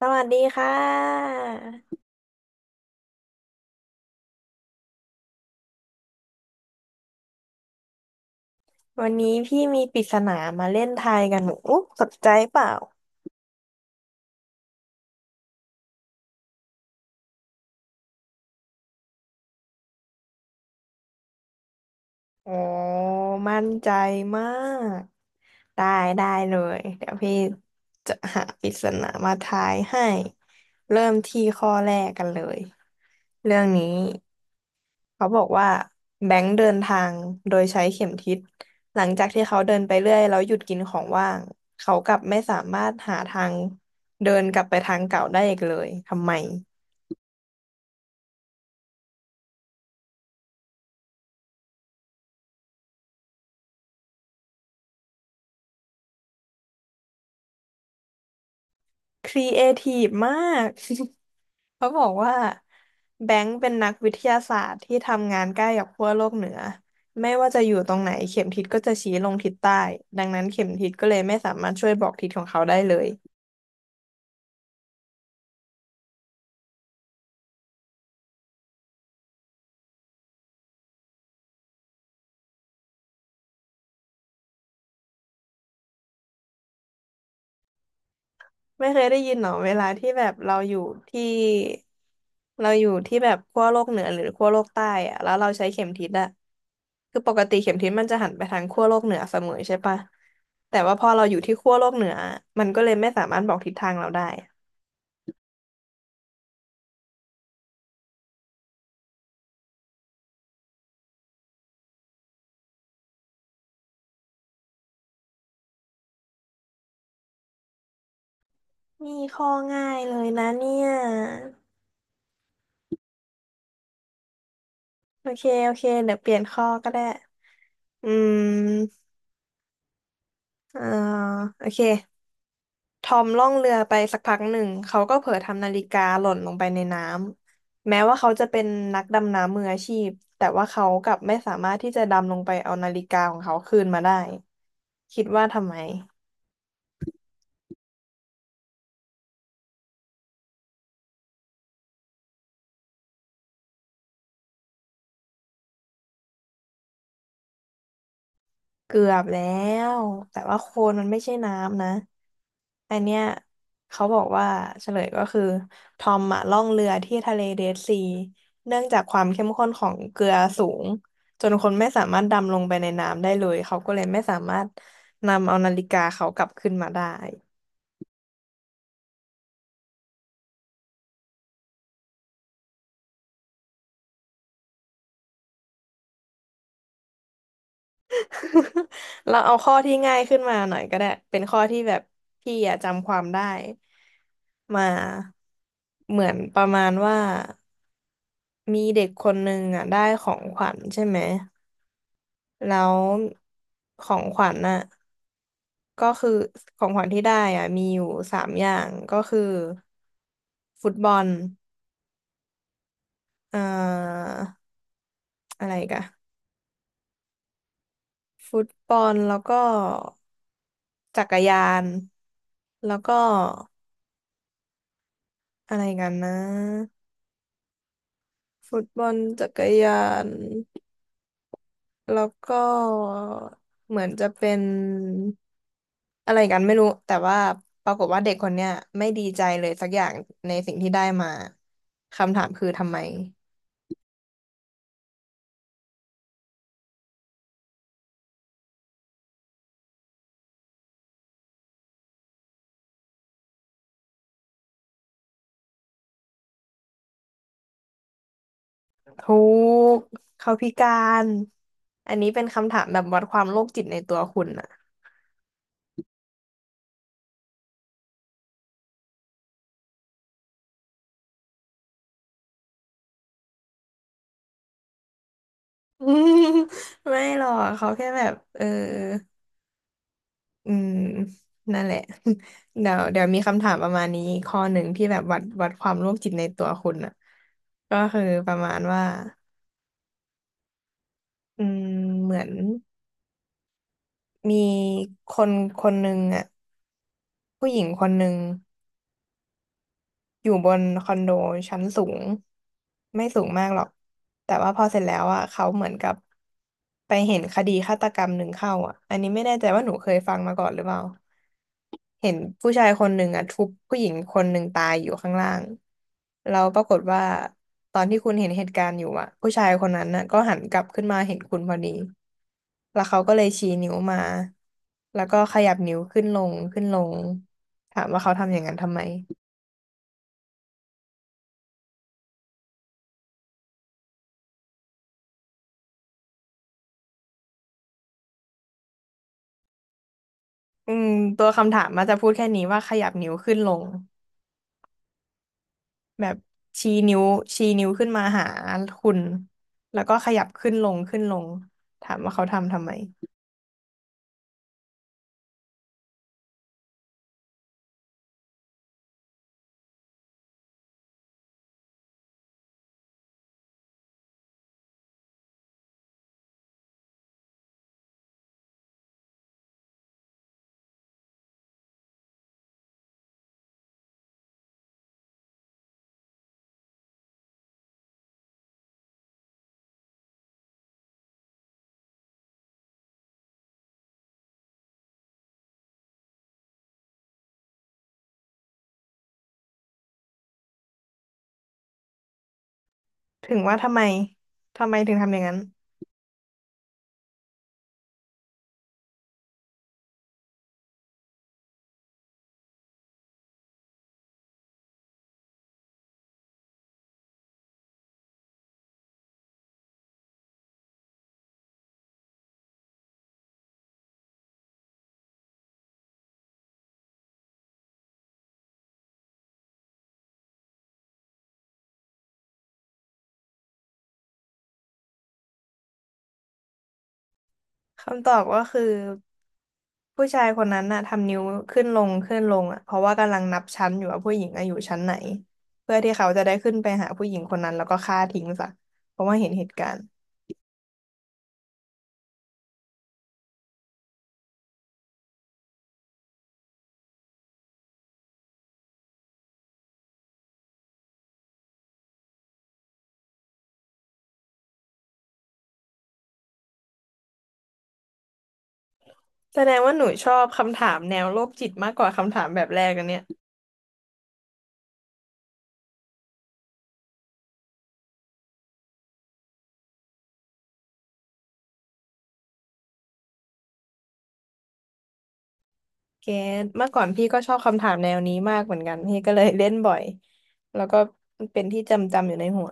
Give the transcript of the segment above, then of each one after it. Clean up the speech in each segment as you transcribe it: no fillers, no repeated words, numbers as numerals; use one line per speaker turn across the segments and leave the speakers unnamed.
สวัสดีค่ะวันนี้พี่มีปริศนามาเล่นทายกันหนูอุ๊ยสนใจเปล่าโอ้มั่นใจมากได้ได้เลยเดี๋ยวพี่จะหาปริศนามาทายให้เริ่มที่ข้อแรกกันเลยเรื่องนี้เขาบอกว่าแบงค์เดินทางโดยใช้เข็มทิศหลังจากที่เขาเดินไปเรื่อยแล้วหยุดกินของว่างเขากลับไม่สามารถหาทางเดินกลับไปทางเก่าได้อีกเลยทำไม ครีเอทีฟมาก เขาบอกว่าแบงค์เป็นนักวิทยาศาสตร์ที่ทำงานใกล้กับขั้วโลกเหนือไม่ว่าจะอยู่ตรงไหนเข็มทิศก็จะชี้ลงทิศใต้ดังนั้นเข็มทิศก็เลยไม่สามารถช่วยบอกทิศของเขาได้เลยไม่เคยได้ยินหรอเวลาที่แบบเราอยู่ที่เราอยู่ที่แบบขั้วโลกเหนือหรือขั้วโลกใต้อะแล้วเราใช้เข็มทิศอะคือปกติเข็มทิศมันจะหันไปทางขั้วโลกเหนือเสมอใช่ปะแต่ว่าพอเราอยู่ที่ขั้วโลกเหนือมันก็เลยไม่สามารถบอกทิศทางเราได้ นี่ข้อง่ายเลยนะเนี่ยโอเคโอเคเดี๋ยวเปลี่ยนข้อก็ได้อืมเอ่อโอเคทอมล่องเรือไปสักพักหนึ่งเขาก็เผลอทำนาฬิกาหล่นลงไปในน้ำแม้ว่าเขาจะเป็นนักดำน้ำมืออาชีพแต่ว่าเขากลับไม่สามารถที่จะดำลงไปเอานาฬิกาของเขาคืนมาได้คิดว่าทำไมเกือบแล้วแต่ว่าโคลนมันไม่ใช่น้ำนะ อันเนี้ยเขาบอกว่าเฉลยก็คือทอมอะล่องเรือที่ทะเลเดดซีเนื่องจากความเข้มข้นของเกลือสูงจนคนไม่สามารถดำลงไปในน้ำได้เลยเขาก็เลยไม่สามารถนำเอานาฬิกาเขากลับขึ้นมาได้ เราเอาข้อที่ง่ายขึ้นมาหน่อยก็ได้เป็นข้อที่แบบพี่อะจำความได้มาเหมือนประมาณว่ามีเด็กคนหนึ่งอะได้ของขวัญใช่ไหม แล้วของขวัญน่ะก็คือของขวัญที่ได้อ่ะมีอยู่สามอย่างก็คือฟุตบอลเอ่ออะไรอีกันฟุตบอลแล้วก็จักรยานแล้วก็อะไรกันนะฟุตบอลจักรยาน แล้วก็เหมือนจะเป็นอะไรกันไม่รู้แต่ว่าปรากฏว่าเด็กคนเนี้ยไม่ดีใจเลยสักอย่างในสิ่งที่ได้มาคำถามคือทำไมทุกข์เขาพิการอันนี้เป็นคำถามแบบวัดความโรคจิตในตัวคุณอะ อืมไม่หรอกเขาแค่แบบเอออืมนั่นแหละ เดี๋ยวเดี๋ยวมีคำถามประมาณนี้ข้อหนึ่งที่แบบวัดความโรคจิตในตัวคุณอ่ะก็คือประมาณว่า อืมเหมือนมีคนคนหนึ่งอ่ะผู้หญิงคนหนึ่ง อยู่บนคอนโดชั้นสูงไม่สูงมากหรอกแต่ว่าพอเสร็จแล้วอ่ะเขาเหมือนกับไปเห็นคดีฆาตกรรมหนึ่งเข้าอ่ะอันนี้ไม่แน่ใจว่าหนูเคยฟังมาก่อนหรือเปล่าเห็นผู้ชายคนหนึ่งอ่ะทุบผู้หญิงคนหนึ่งตายอยู่ข้างล่างแล้วปรากฏว่าตอนที่คุณเห็นเหตุการณ์อยู่อ่ะผู้ชายคนนั้นน่ะก็หันกลับขึ้นมาเห็นคุณพอดีแล้วเขาก็เลยชี้นิ้วมาแล้วก็ขยับนิ้วขึ้นลงขึ้นลงถามว่าเขาทำอย่างนั้นทำไม อืมตัวคำถามมันจะพูดแค่นี้ว่าขยับนิ้วขึ้นลงแบบชี้นิ้วชี้นิ้วขึ้นมาหาคุณแล้วก็ขยับขึ้นลงขึ้นลงถามว่าเขาทำทำไมถึงว่าทำไมถึงทำอย่างนั้นคำตอบก็คือผู้ชายคนนั้นน่ะทำนิ้วขึ้นลงขึ้นลงอ่ะเพราะว่ากำลังนับชั้นอยู่ว่าผู้หญิงอะอยู่ชั้นไหนเพื่อที่เขาจะได้ขึ้นไปหาผู้หญิงคนนั้นแล้วก็ฆ่าทิ้งซะเพราะว่าเห็นเหตุการณ์แสดงว่าหนูชอบคำถามแนวโรคจิตมากกว่าคำถามแบบแรกอันเนี้ย เกตเมื่อก่อนพี่ก็ชอบคำถามแนวนี้มากเหมือนกันพี่ก็เลยเล่นบ่อยแล้วก็เป็นที่จำอยู่ในหัว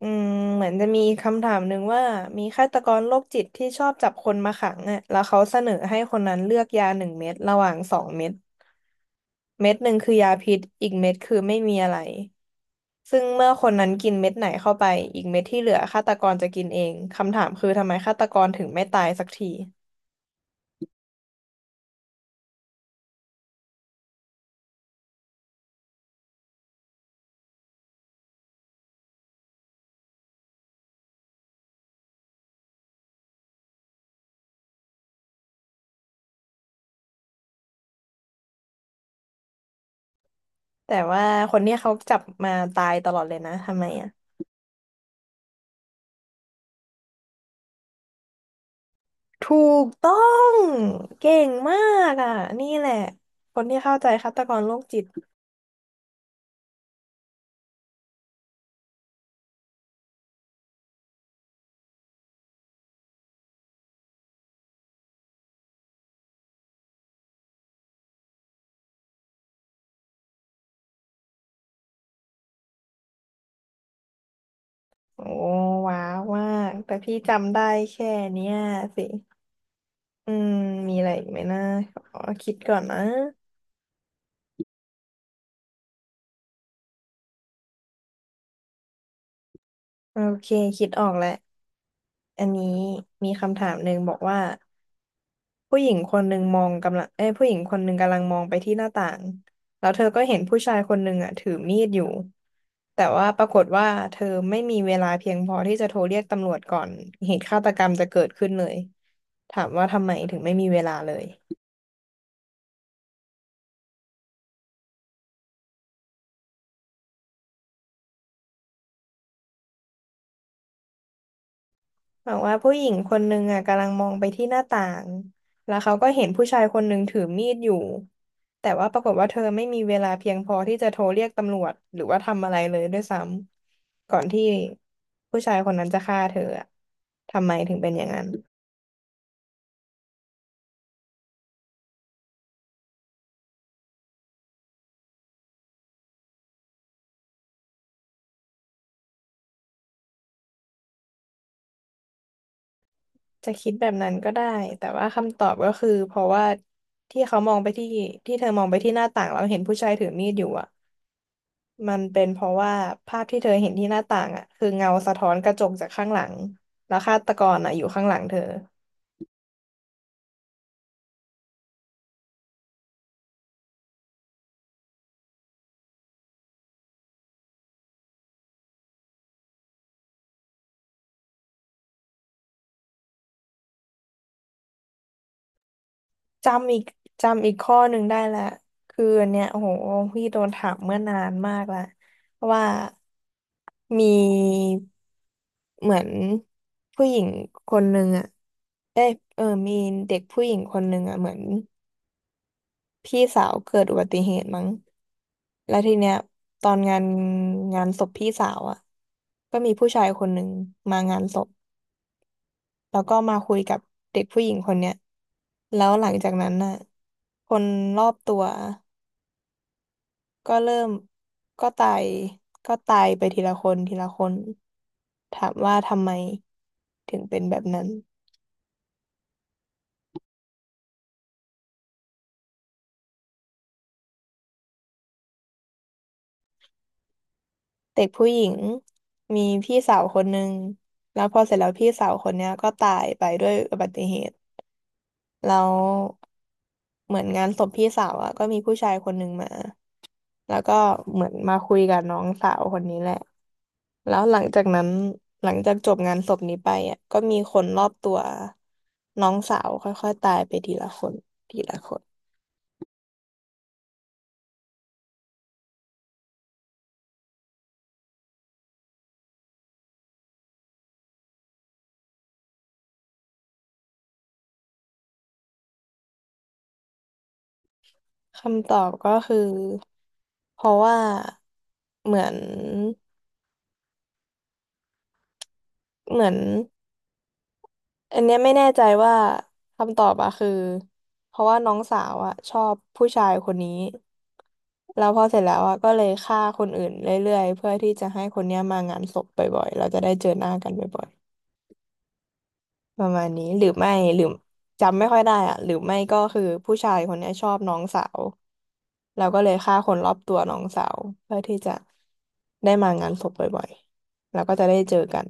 อืมเหมือนจะมีคำถามหนึ่งว่ามีฆาตกรโรคจิตที่ชอบจับคนมาขังอ่ะแล้วเขาเสนอให้คนนั้นเลือกยาหนึ่งเม็ดระหว่างสองเม็ดเม็ดหนึ่งคือยาพิษอีกเม็ดคือไม่มีอะไรซึ่งเมื่อคนนั้นกินเม็ดไหนเข้าไปอีกเม็ดที่เหลือฆาตกรจะกินเองคำถามคือทำไมฆาตกรถึงไม่ตายสักทีแต่ว่าคนเนี้ยเขาจับมาตายตลอดเลยนะทำไมอ่ะ ถูกต้องเก่งมากอ่ะนี่แหละคนที่เข้าใจฆาตกรโรคจิตโอ้ว้าวมากแต่พี่จำได้แค่เนี้ยสิอืมมีอะไรอีกไหมนะขอคิดก่อนนะโอเคคิดออกแล้วอันนี้มีคำถามหนึ่งบอกว่า ผู้หญิงคนหนึ่งมองกำลังเอ้ยผู้หญิงคนหนึ่งกำลังมองไปที่หน้าต่างแล้วเธอก็เห็นผู้ชายคนหนึ่งถือมีดอยู่แต่ว่าปรากฏว่าเธอไม่มีเวลาเพียงพอที่จะโทรเรียกตำรวจก่อนเหตุฆาตกรรมจะเกิดขึ้นเลยถามว่าทำไมถึงไม่มีเวลาเลย บอกว่าผู้หญิงคนหนึ่งกำลังมองไปที่หน้าต่างแล้วเขาก็เห็นผู้ชายคนหนึ่งถือมีดอยู่ แต่ว่าปรากฏว่าเธอไม่มีเวลาเพียงพอที่จะโทรเรียกตำรวจหรือว่าทำอะไรเลยด้วยซ้ำก่อนที่ผู้ชายคนนั้นจะฆ่าเธออะทำไมถึงเป็นอย่างนั้น จะคิดแบบนั้นก็ได้ แต่ว่าคำตอบก็คือเพราะว่าที่เขามองไปที่ที่เธอมองไปที่หน้าต่างแล้วเห็นผู้ชายถือมีดอยู่มันเป็นเพราะว่าภาพที่เธอเห็นที่หน้าต่างคือเงาสะท้อนกระจกจากข้างหลังแล้วฆาตกรอยู่ข้างหลังเธอจำอีกจำอีกข้อหนึ่งได้ละคืออันเนี่ยโอ้โหพี่โดนถามเมื่อนานมากละว่ามีเหมือนผู้หญิงคนหนึ่งเอ๊ะมีเด็กผู้หญิงคนหนึ่งเหมือน พี่สาวเกิดอุบัติเหตุมั้งแล้วทีเนี้ยตอนงานศพพี่สาวก็มีผู้ชายคนหนึ่งมางานศพแล้วก็มาคุยกับเด็กผู้หญิงคนเนี้ย แล้วหลังจากนั้นน่ะคนรอบตัวก็เริ่มก็ตายก็ตายไปทีละคนทีละคนถามว่าทำไมถึงเป็นแบบนั้น เด็กผู้หญิงมีพี่สาวคนหนึ่งแล้วพอเสร็จแล้วพี่สาวคนเนี้ยก็ตายไปด้วยอุบัติเหตุ แล้วเหมือนงานศพพี่สาวอะก็มีผู้ชายคนหนึ่งมาแล้วก็เหมือนมาคุยกับน้องสาวคนนี้แหละแล้วหลังจากนั้นหลังจากจบงานศพนี้ไปก็มีคนรอบตัวน้องสาวค่อยๆตายไปทีละคนทีละคนคำตอบก็คือเพราะว่าเหมือนเหมือน อันเนี้ยไม่แน่ใจว่าคำตอบอะคือเพราะว่าน้องสาวอะชอบผู้ชายคนนี้แล้วพอเสร็จแล้วอะก็เลยฆ่าคนอื่นเรื่อยๆเพื่อที่จะให้คนเนี้ยมางานศพบ่อยๆเราจะได้เจอหน้ากันบ่อยๆประมาณนี้หรือไม่หรือจำไม่ค่อยได้อะหรือไม่ก็คือผู้ชายคนเนี้ยชอบน้องสาวเราก็เลยฆ่าคนรอบตัวน้องสาวเพื่อที่จะได้มางานศพบ่อยๆแล้วก็จะได้เจอกัน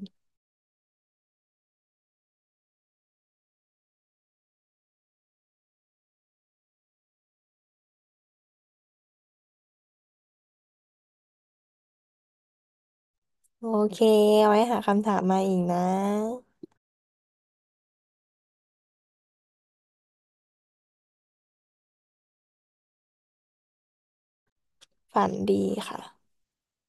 โอเคเอาไว้หาคำถามมาอีกนะฝันดีค่ะ